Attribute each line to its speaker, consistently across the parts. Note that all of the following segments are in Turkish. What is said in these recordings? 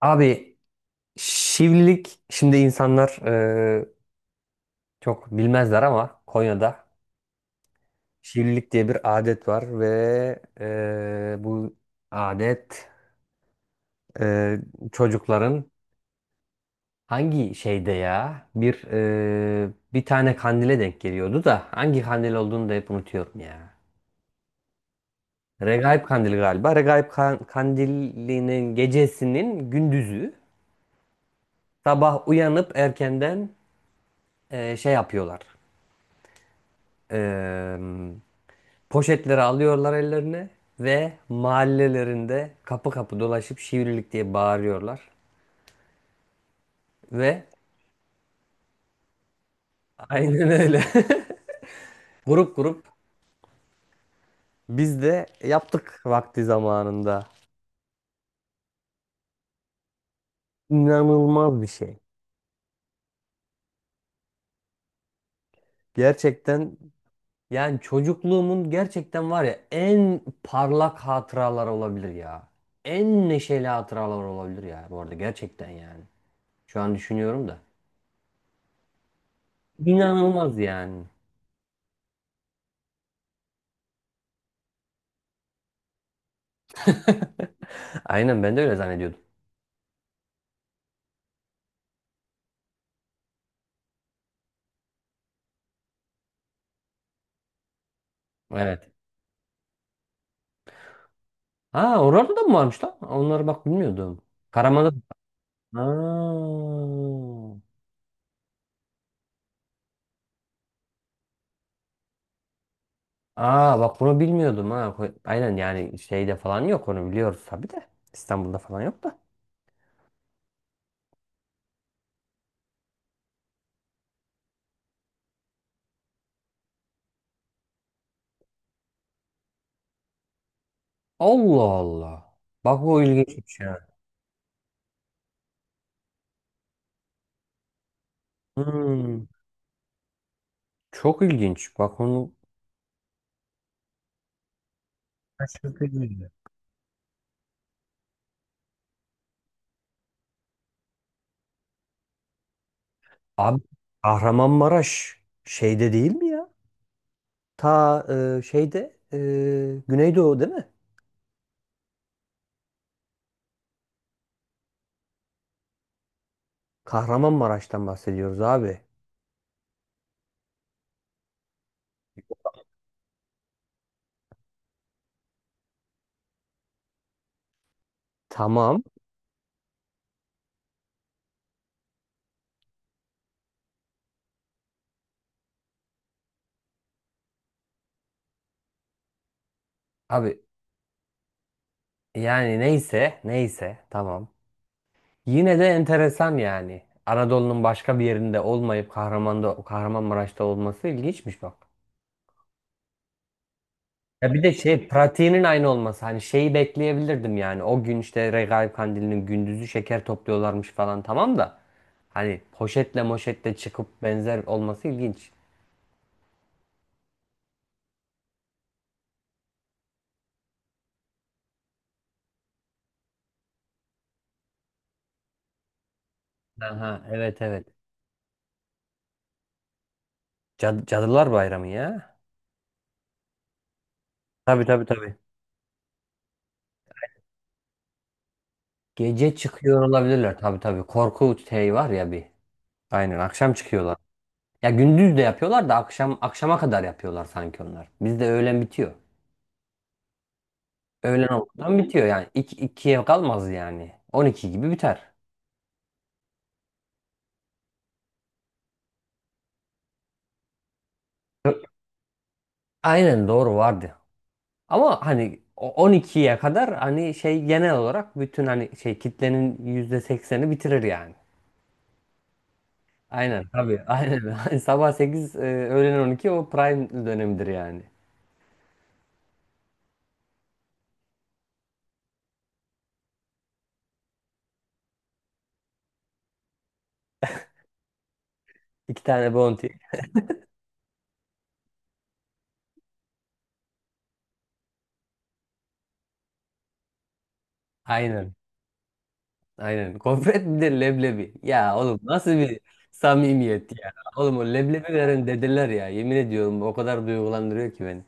Speaker 1: Abi şivlilik şimdi insanlar çok bilmezler ama Konya'da şivlilik diye bir adet var ve bu adet e, çocukların hangi şeyde ya bir tane kandile denk geliyordu da hangi kandil olduğunu da hep unutuyorum ya. Regaip kandili galiba. Regaip kandilinin gecesinin gündüzü sabah uyanıp erkenden şey yapıyorlar. E, Poşetleri alıyorlar ellerine ve mahallelerinde kapı kapı dolaşıp şivrilik diye bağırıyorlar. Ve aynen öyle. Grup grup biz de yaptık vakti zamanında. İnanılmaz bir şey. Gerçekten yani çocukluğumun gerçekten var ya en parlak hatıralar olabilir ya. En neşeli hatıralar olabilir ya bu arada gerçekten yani. Şu an düşünüyorum da. İnanılmaz yani. Aynen ben de öyle zannediyordum. Evet. Ha oralarda da mı varmış lan? Onları bak bilmiyordum. Karaman'da. Aa. Aa bak bunu bilmiyordum ha. Aynen yani şeyde falan yok onu biliyoruz tabii de. İstanbul'da falan yok da. Allah Allah. Bak o ilginçmiş ya. Hmm. Çok ilginç. Bak onu şaşırtıcıydı. Abi Kahramanmaraş şeyde değil mi ya? Ta şeyde Güneydoğu değil mi? Kahramanmaraş'tan bahsediyoruz abi. Tamam. Abi yani neyse, neyse tamam. Yine de enteresan yani. Anadolu'nun başka bir yerinde olmayıp Kahraman'da, Kahramanmaraş'ta olması ilginçmiş bak. Ya bir de şey pratiğinin aynı olması hani şeyi bekleyebilirdim yani. O gün işte Regaip Kandili'nin gündüzü şeker topluyorlarmış falan tamam da. Hani poşetle moşetle çıkıp benzer olması ilginç. Aha evet evet. Cadılar Bayramı ya. Tabii tabii tabii. Gece çıkıyor olabilirler tabii tabii. Korku şey var ya bir. Aynen akşam çıkıyorlar. Ya gündüz de yapıyorlar da akşam akşama kadar yapıyorlar sanki onlar. Bizde öğlen bitiyor. Öğlen olmadan bitiyor yani. İki, 2'ye kalmaz yani. 12 gibi biter. Ö- Aynen doğru vardı. Ama hani o 12'ye kadar hani şey genel olarak bütün hani şey kitlenin %80'i bitirir yani. Aynen tabii. Aynen. Sabah 8 öğlen 12 o prime dönemidir yani. İki tane bounty. Aynen. Aynen. Gofret bir de leblebi. Ya oğlum nasıl bir samimiyet ya. Oğlum o leblebi veren dedeler ya. Yemin ediyorum o kadar duygulandırıyor ki beni.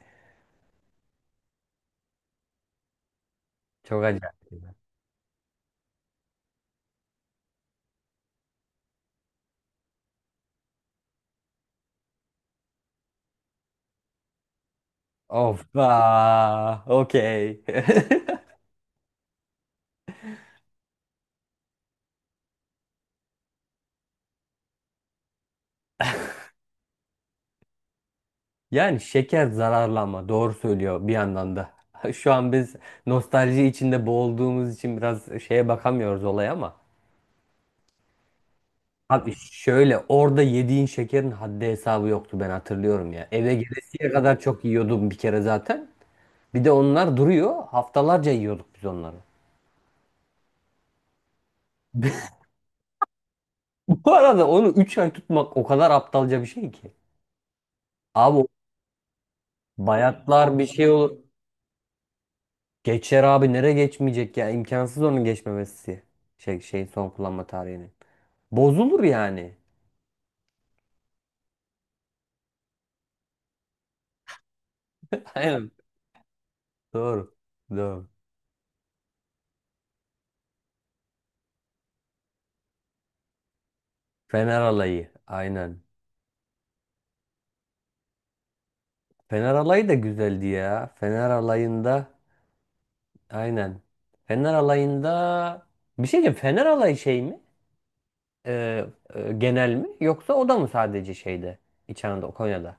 Speaker 1: Çok acayip. Of. Aa, okey. Yani şeker zararlı ama doğru söylüyor bir yandan da. Şu an biz nostalji içinde boğulduğumuz için biraz şeye bakamıyoruz olaya ama. Abi şöyle orada yediğin şekerin haddi hesabı yoktu ben hatırlıyorum ya. Eve gelesiye kadar çok yiyordum bir kere zaten. Bir de onlar duruyor. Haftalarca yiyorduk biz onları. Bu arada onu 3 ay tutmak o kadar aptalca bir şey ki. Abi o bayatlar bir şey olur. Geçer abi nereye geçmeyecek ya? İmkansız onun geçmemesi. Şey, şeyin son kullanma tarihinin. Bozulur yani. Aynen. Doğru. Doğru. Fener alayı. Aynen. Fener alayı da güzeldi ya. Fener alayında. Aynen. Fener alayında. Bir şey diyeceğim. Fener alayı şey mi? e, genel mi yoksa o da mı sadece şeyde İç Anadolu Konya'da?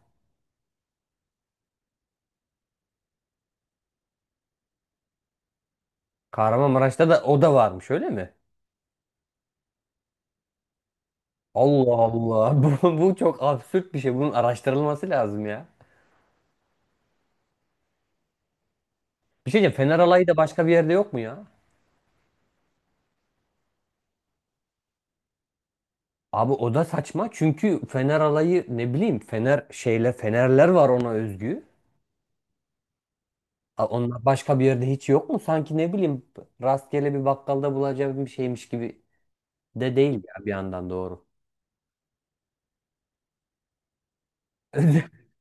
Speaker 1: Kahramanmaraş'ta da o da varmış öyle mi? Allah Allah bu çok absürt bir şey bunun araştırılması lazım ya. Bir şey diyeceğim Fener alayı da başka bir yerde yok mu ya? Abi o da saçma çünkü Fener alayı ne bileyim Fener şeyle Fenerler var ona özgü. Onlar başka bir yerde hiç yok mu? Sanki ne bileyim rastgele bir bakkalda bulacağım bir şeymiş gibi de değil ya bir yandan doğru.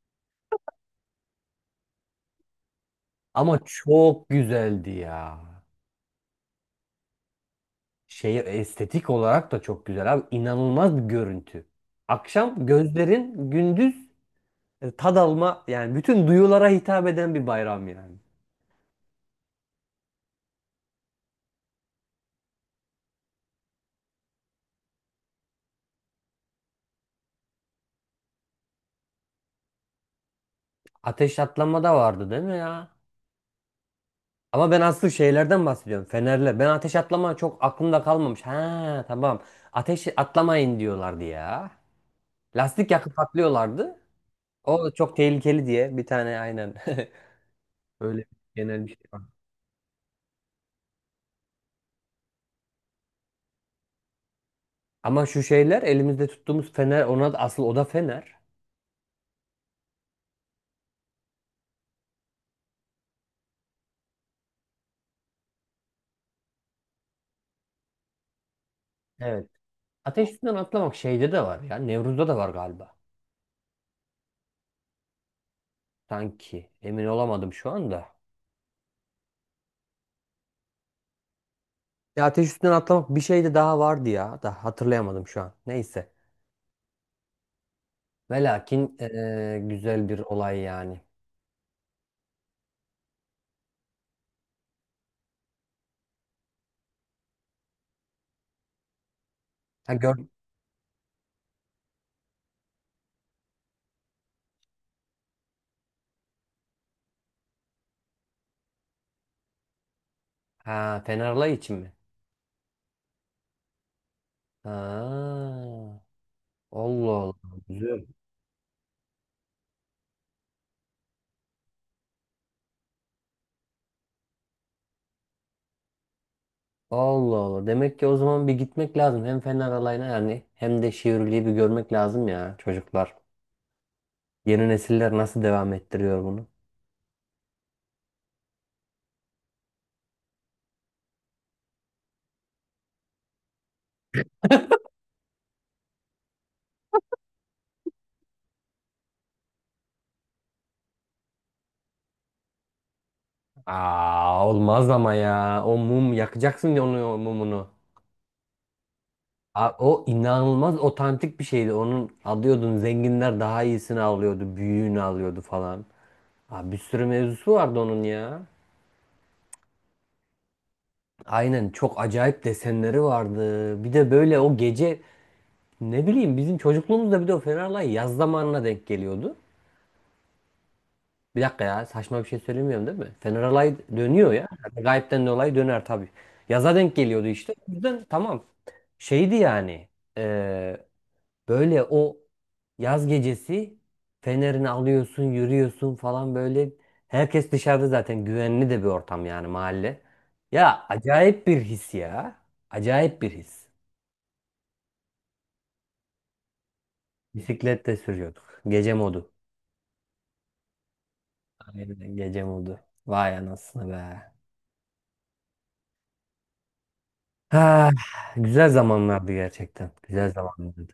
Speaker 1: Ama çok güzeldi ya. Şey estetik olarak da çok güzel abi. İnanılmaz bir görüntü. Akşam gözlerin gündüz tad alma yani bütün duyulara hitap eden bir bayram yani. Ateş atlama da vardı değil mi ya? Ama ben asıl şeylerden bahsediyorum. Ben ateş atlama çok aklımda kalmamış. Ha tamam. Ateş atlamayın diyorlardı ya. Lastik yakıp patlıyorlardı. O çok tehlikeli diye bir tane aynen. Öyle genel bir şey var. Ama şu şeyler elimizde tuttuğumuz fener ona da asıl o da fener. Evet. Ateş üstünden atlamak şeyde de var ya. Nevruz'da da var galiba. Sanki. Emin olamadım şu anda. Ya ateş üstünden atlamak bir şey de daha vardı ya. Da hatırlayamadım şu an. Neyse. Ve lakin güzel bir olay yani. Ha gör. Ha Fenerlay için mi? Ha. Allah Allah. Güzel. Allah Allah. Demek ki o zaman bir gitmek lazım. Hem Fener alayına yani hem de Şivrili'yi bir görmek lazım ya çocuklar. Yeni nesiller nasıl devam ettiriyor bunu? Aa, olmaz ama ya. O mum yakacaksın ya onu o mumunu. Aa, o inanılmaz otantik bir şeydi. Onun alıyordun zenginler daha iyisini alıyordu. Büyüğünü alıyordu falan. Aa, bir sürü mevzusu vardı onun ya. Aynen çok acayip desenleri vardı. Bir de böyle o gece ne bileyim bizim çocukluğumuzda bir de o Fenerlay yaz zamanına denk geliyordu. Bir dakika ya saçma bir şey söylemiyorum değil mi? Fener Alay dönüyor ya. Yani Gayipten dolayı döner tabii. Yaza denk geliyordu işte. O yüzden tamam. Şeydi yani. e, böyle o yaz gecesi Fener'ini alıyorsun yürüyorsun falan böyle. Herkes dışarıda zaten güvenli de bir ortam yani mahalle. Ya acayip bir his ya. Acayip bir his. Bisiklet de sürüyorduk. Gece modu. Aynen, gece modu. Vay anasını be. Ha, güzel zamanlardı gerçekten. Güzel zamanlardı.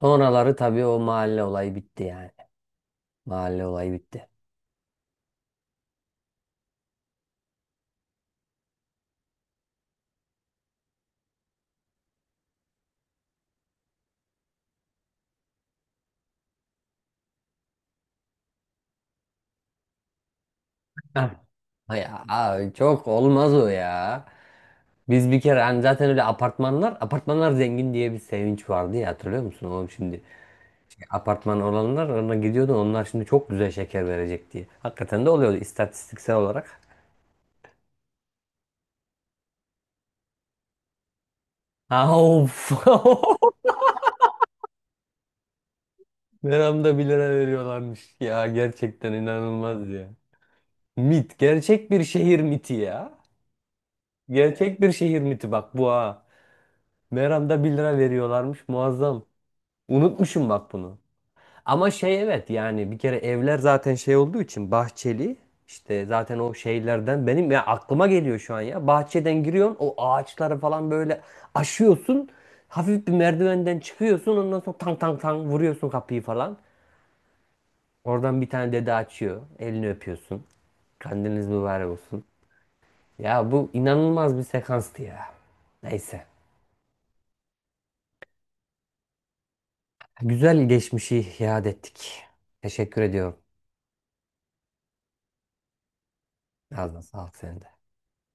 Speaker 1: Sonraları tabii o mahalle olayı bitti yani. Mahalle olayı bitti. Ah. Ya ay, çok olmaz o ya. Biz bir kere hani zaten öyle apartmanlar zengin diye bir sevinç vardı ya hatırlıyor musun oğlum şimdi? Şey, apartman olanlar ona gidiyordu onlar şimdi çok güzel şeker verecek diye. Hakikaten de oluyordu istatistiksel olarak. Ha, Of. Meramda bir lira veriyorlarmış ya gerçekten inanılmaz ya. Mit. Gerçek bir şehir miti ya. Gerçek bir şehir miti bak bu ha. Meram'da bir lira veriyorlarmış muazzam. Unutmuşum bak bunu. Ama şey evet yani bir kere evler zaten şey olduğu için bahçeli. İşte zaten o şeylerden benim ya aklıma geliyor şu an ya. Bahçeden giriyorsun o ağaçları falan böyle aşıyorsun. Hafif bir merdivenden çıkıyorsun ondan sonra tang tang tang vuruyorsun kapıyı falan. Oradan bir tane dede açıyor. Elini öpüyorsun. Kandiliniz mübarek olsun. Ya bu inanılmaz bir sekanstı ya. Neyse. Güzel geçmişi iade ettik. Teşekkür ediyorum. Ağzına sağlık senin de.